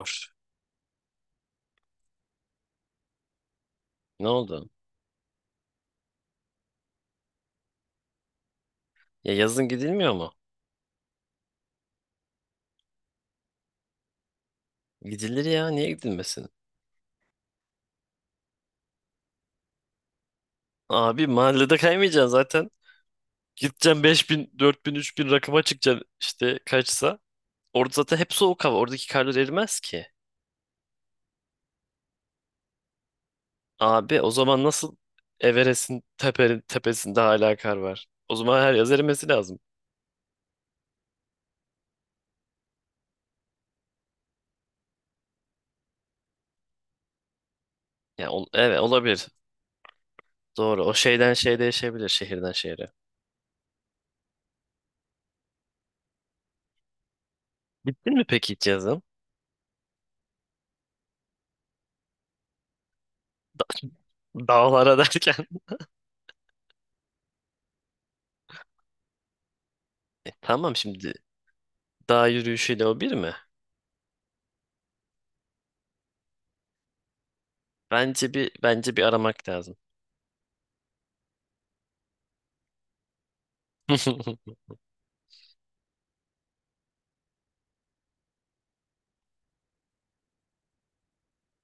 Var. Ne oldu? Ya yazın gidilmiyor mu? Gidilir ya niye gidilmesin? Abi mahallede kaymayacaksın zaten. Gideceksin 5.000, 4.000, 3.000 rakıma çıkacaksın işte kaçsa. Orada zaten hep soğuk hava. Oradaki karlar erimez ki. Abi o zaman nasıl Everest'in tepenin tepesinde hala kar var? O zaman her yaz erimesi lazım. Ya evet olabilir. Doğru. O şeyden şeye değişebilir şehirden şehre. Gittin mi peki hiç yazın? Dağlara derken. Tamam şimdi dağ yürüyüşüyle o bir mi? Bence bir aramak lazım.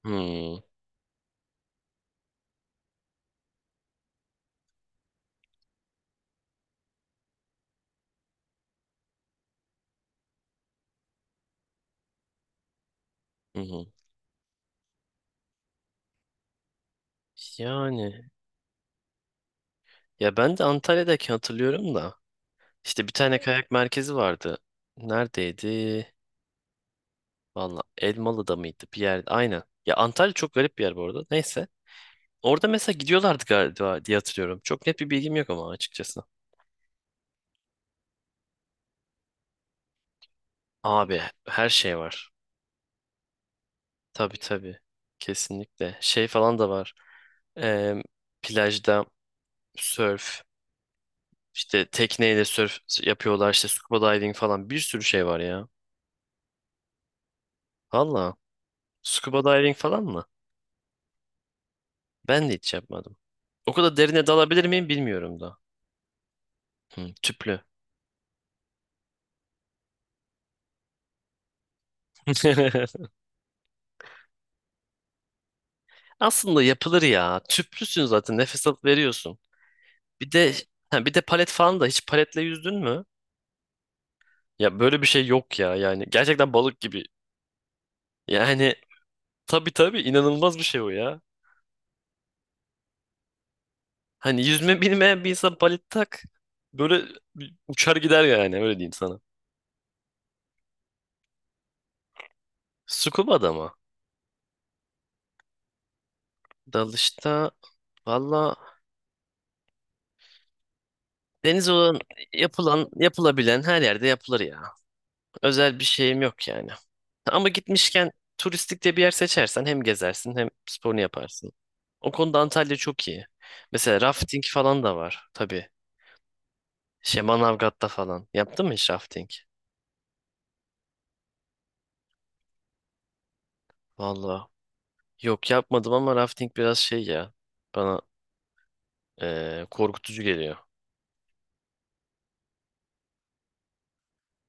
Hmm, hı hı. Yani ya ben de Antalya'daki hatırlıyorum da işte bir tane kayak merkezi vardı. Neredeydi? Valla Elmalı'da mıydı? Bir yer. Aynen. Ya Antalya çok garip bir yer bu arada. Neyse. Orada mesela gidiyorlardı galiba diye hatırlıyorum. Çok net bir bilgim yok ama açıkçası. Abi her şey var. Tabii tabii. Kesinlikle. Şey falan da var. Em, Plajda sörf. İşte tekneyle surf yapıyorlar, işte scuba diving falan, bir sürü şey var ya. Valla scuba diving falan mı? Ben de hiç yapmadım. O kadar derine dalabilir miyim bilmiyorum da. Hı, tüplü. Aslında yapılır ya. Tüplüsün zaten, nefes alıp veriyorsun. Bir de ha, bir de palet falan da, hiç paletle yüzdün mü? Ya böyle bir şey yok ya yani. Gerçekten balık gibi. Yani tabii tabii, inanılmaz bir şey o ya. Hani yüzme bilmeyen bir insan palet tak. Böyle uçar gider yani, öyle diyeyim sana. Scuba da mı? Dalışta valla, deniz olan yapılan yapılabilen her yerde yapılır ya. Özel bir şeyim yok yani. Ama gitmişken turistik de bir yer seçersen, hem gezersin hem sporunu yaparsın. O konuda Antalya çok iyi. Mesela rafting falan da var tabii. Şey, Manavgat'ta falan. Yaptın mı hiç rafting? Valla yok, yapmadım, ama rafting biraz şey ya. Bana korkutucu geliyor.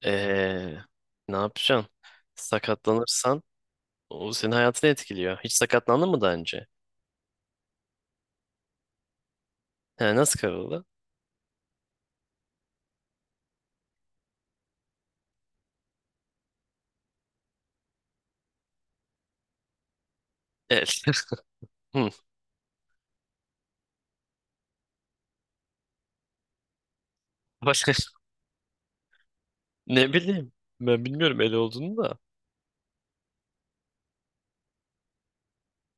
Eee, Ne yapacaksın? Sakatlanırsan, o senin hayatını etkiliyor. Hiç sakatlandın mı daha önce? He, nasıl kırıldı? El. Hı, başka ne bileyim. Ben bilmiyorum el olduğunu da.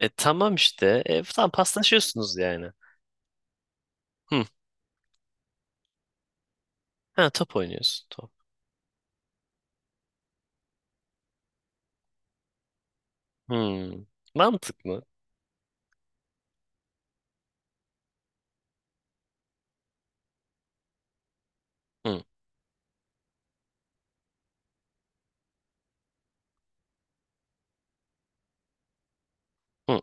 Tamam işte. Tamam, paslaşıyorsunuz yani. Hı. Ha, top oynuyorsun. Top. Hı. Mantıklı. Hı. Hı.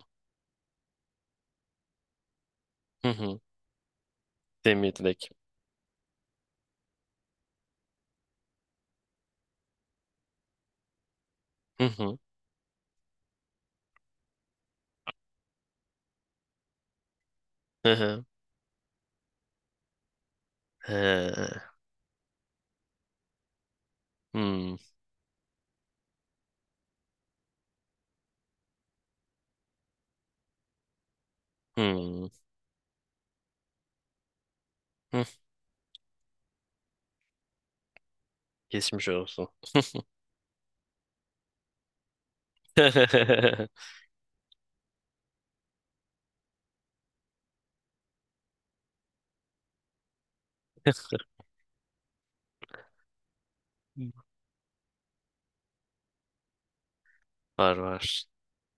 Hı hı. Demir direkt. Hı hı. Hı hı. He. Hı. Hı. Hı. Geçmiş olsun. Var, var.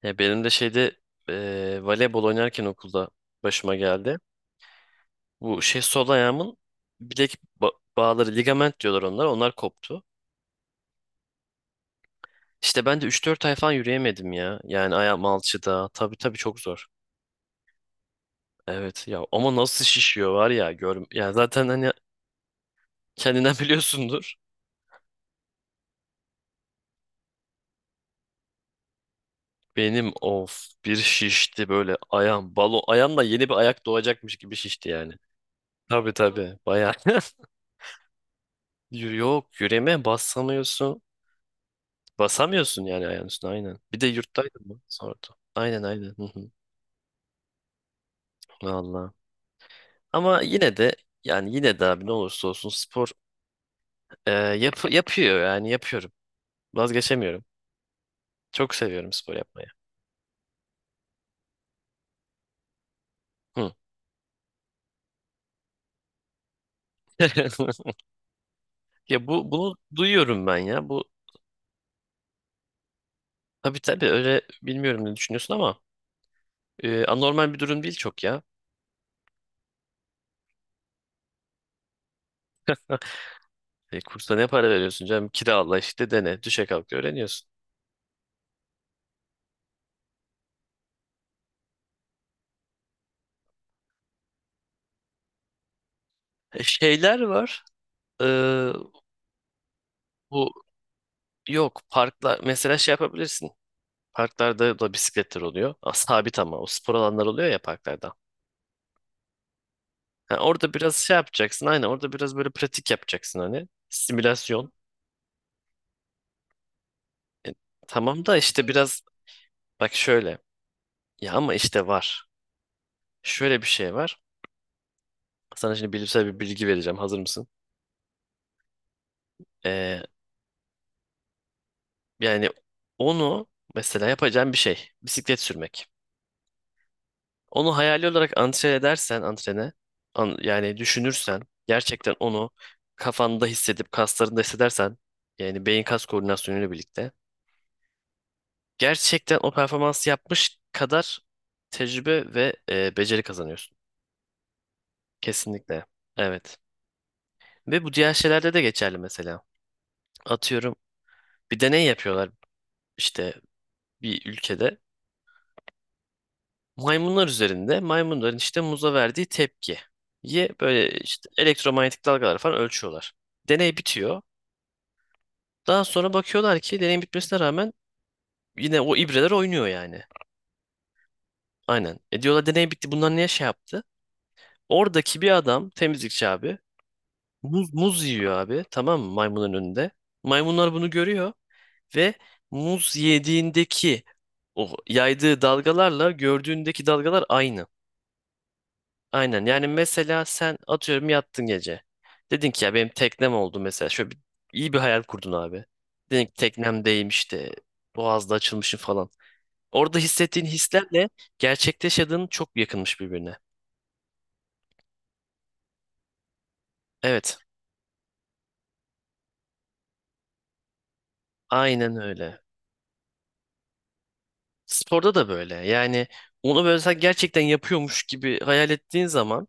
Ya benim de şeyde, voleybol oynarken okulda başıma geldi. Bu şey, sol ayağımın bilek bağları, ligament diyorlar onlar. Onlar koptu. İşte ben de üç dört ay falan yürüyemedim ya. Yani ayağım alçıda. Tabii tabii, çok zor. Evet ya, ama nasıl şişiyor var ya, gör ya, zaten hani kendinden biliyorsundur. Benim of bir şişti böyle ayağım, balon ayağımla yeni bir ayak doğacakmış gibi şişti yani. Tabii tabii, bayağı. Yok, yürüme, basamıyorsun. Basamıyorsun yani ayağın üstüne, aynen. Bir de yurttaydım mı? Sordu. Aynen aynen. Hı hı. Vallahi. Ama yine de, yani yine de abi, ne olursa olsun spor, yapıyor yani yapıyorum. Vazgeçemiyorum. Çok seviyorum spor yapmayı. Hı. Ya bunu duyuyorum ben ya. Bu tabii tabii, öyle, bilmiyorum ne düşünüyorsun ama anormal bir durum değil çok ya. Kursa ne para veriyorsun canım? Kirala işte, dene. Düşe kalk öğreniyorsun. Şeyler var. E, bu yok parklar mesela, şey yapabilirsin. Parklarda da bisikletler oluyor. Sabit, ama o spor alanları oluyor ya parklarda. Ha, orada biraz şey yapacaksın, aynen, orada biraz böyle pratik yapacaksın, hani simülasyon. E, tamam da işte biraz bak, şöyle ya, ama işte var. Şöyle bir şey var. Sana şimdi bilimsel bir bilgi vereceğim, hazır mısın? Ee, Yani onu, mesela yapacağın bir şey bisiklet sürmek. Onu hayali olarak antren edersen, yani düşünürsen, gerçekten onu kafanda hissedip kaslarında hissedersen, yani beyin kas koordinasyonuyla birlikte gerçekten o performansı yapmış kadar tecrübe ve beceri kazanıyorsun. Kesinlikle. Evet. Ve bu diğer şeylerde de geçerli mesela. Atıyorum, bir deney yapıyorlar işte, bir ülkede. Maymunlar üzerinde, maymunların işte muza verdiği tepkiye böyle işte elektromanyetik dalgalar falan ölçüyorlar. Deney bitiyor. Daha sonra bakıyorlar ki deney bitmesine rağmen yine o ibreler oynuyor yani. Aynen. E, diyorlar, deney bitti, bunlar niye şey yaptı? Oradaki bir adam, temizlikçi abi, muz, muz yiyor abi, tamam mı, maymunun önünde. Maymunlar bunu görüyor ve muz yediğindeki o yaydığı dalgalarla gördüğündeki dalgalar aynı. Aynen, yani mesela sen atıyorum yattın gece. Dedin ki, ya benim teknem oldu mesela. Şöyle bir, iyi bir hayal kurdun abi. Dedin ki teknemdeyim işte, boğazda açılmışım falan. Orada hissettiğin hislerle gerçekte yaşadığın çok yakınmış birbirine. Evet, aynen öyle. Sporda da böyle. Yani onu böyle sen gerçekten yapıyormuş gibi hayal ettiğin zaman,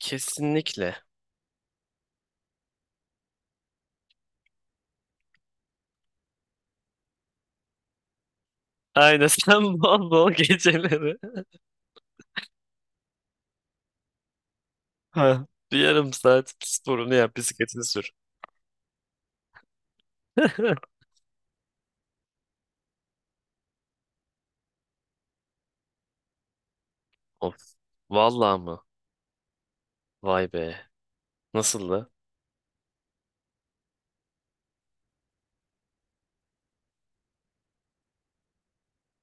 kesinlikle. Aynen, sen bol bol geceleri. Ha. Bir yarım saat sporunu yap, bisikletini sür. Of, vallahi mı? Vay be. Nasıldı?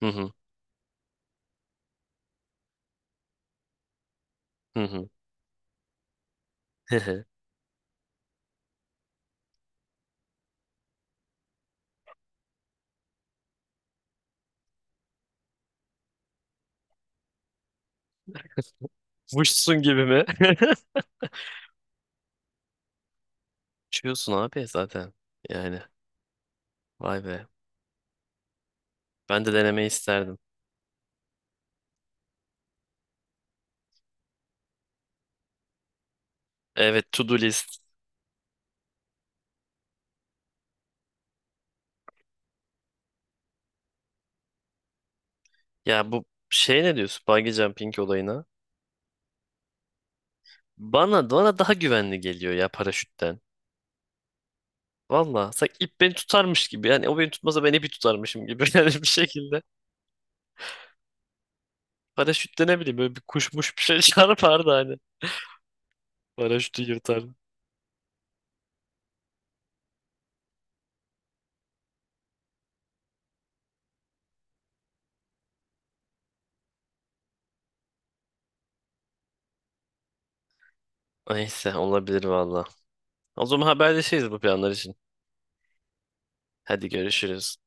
Hı hı. Hı hı. hı hı. Muşsun gibi mi? Uçuyorsun abi zaten. Yani, vay be. Ben de denemeyi isterdim. Evet, to do list. Ya bu şey, ne diyorsun? Bungee jumping olayına. Bana daha güvenli geliyor ya paraşütten. Valla sanki ip beni tutarmış gibi. Yani o beni tutmasa ben ipi tutarmışım gibi. Yani bir şekilde. Paraşütte ne bileyim, böyle bir kuşmuş bir şey çarpardı hani. Paraşütü yırtardı. Neyse, olabilir valla. O zaman haberleşiriz bu planlar için. Hadi görüşürüz.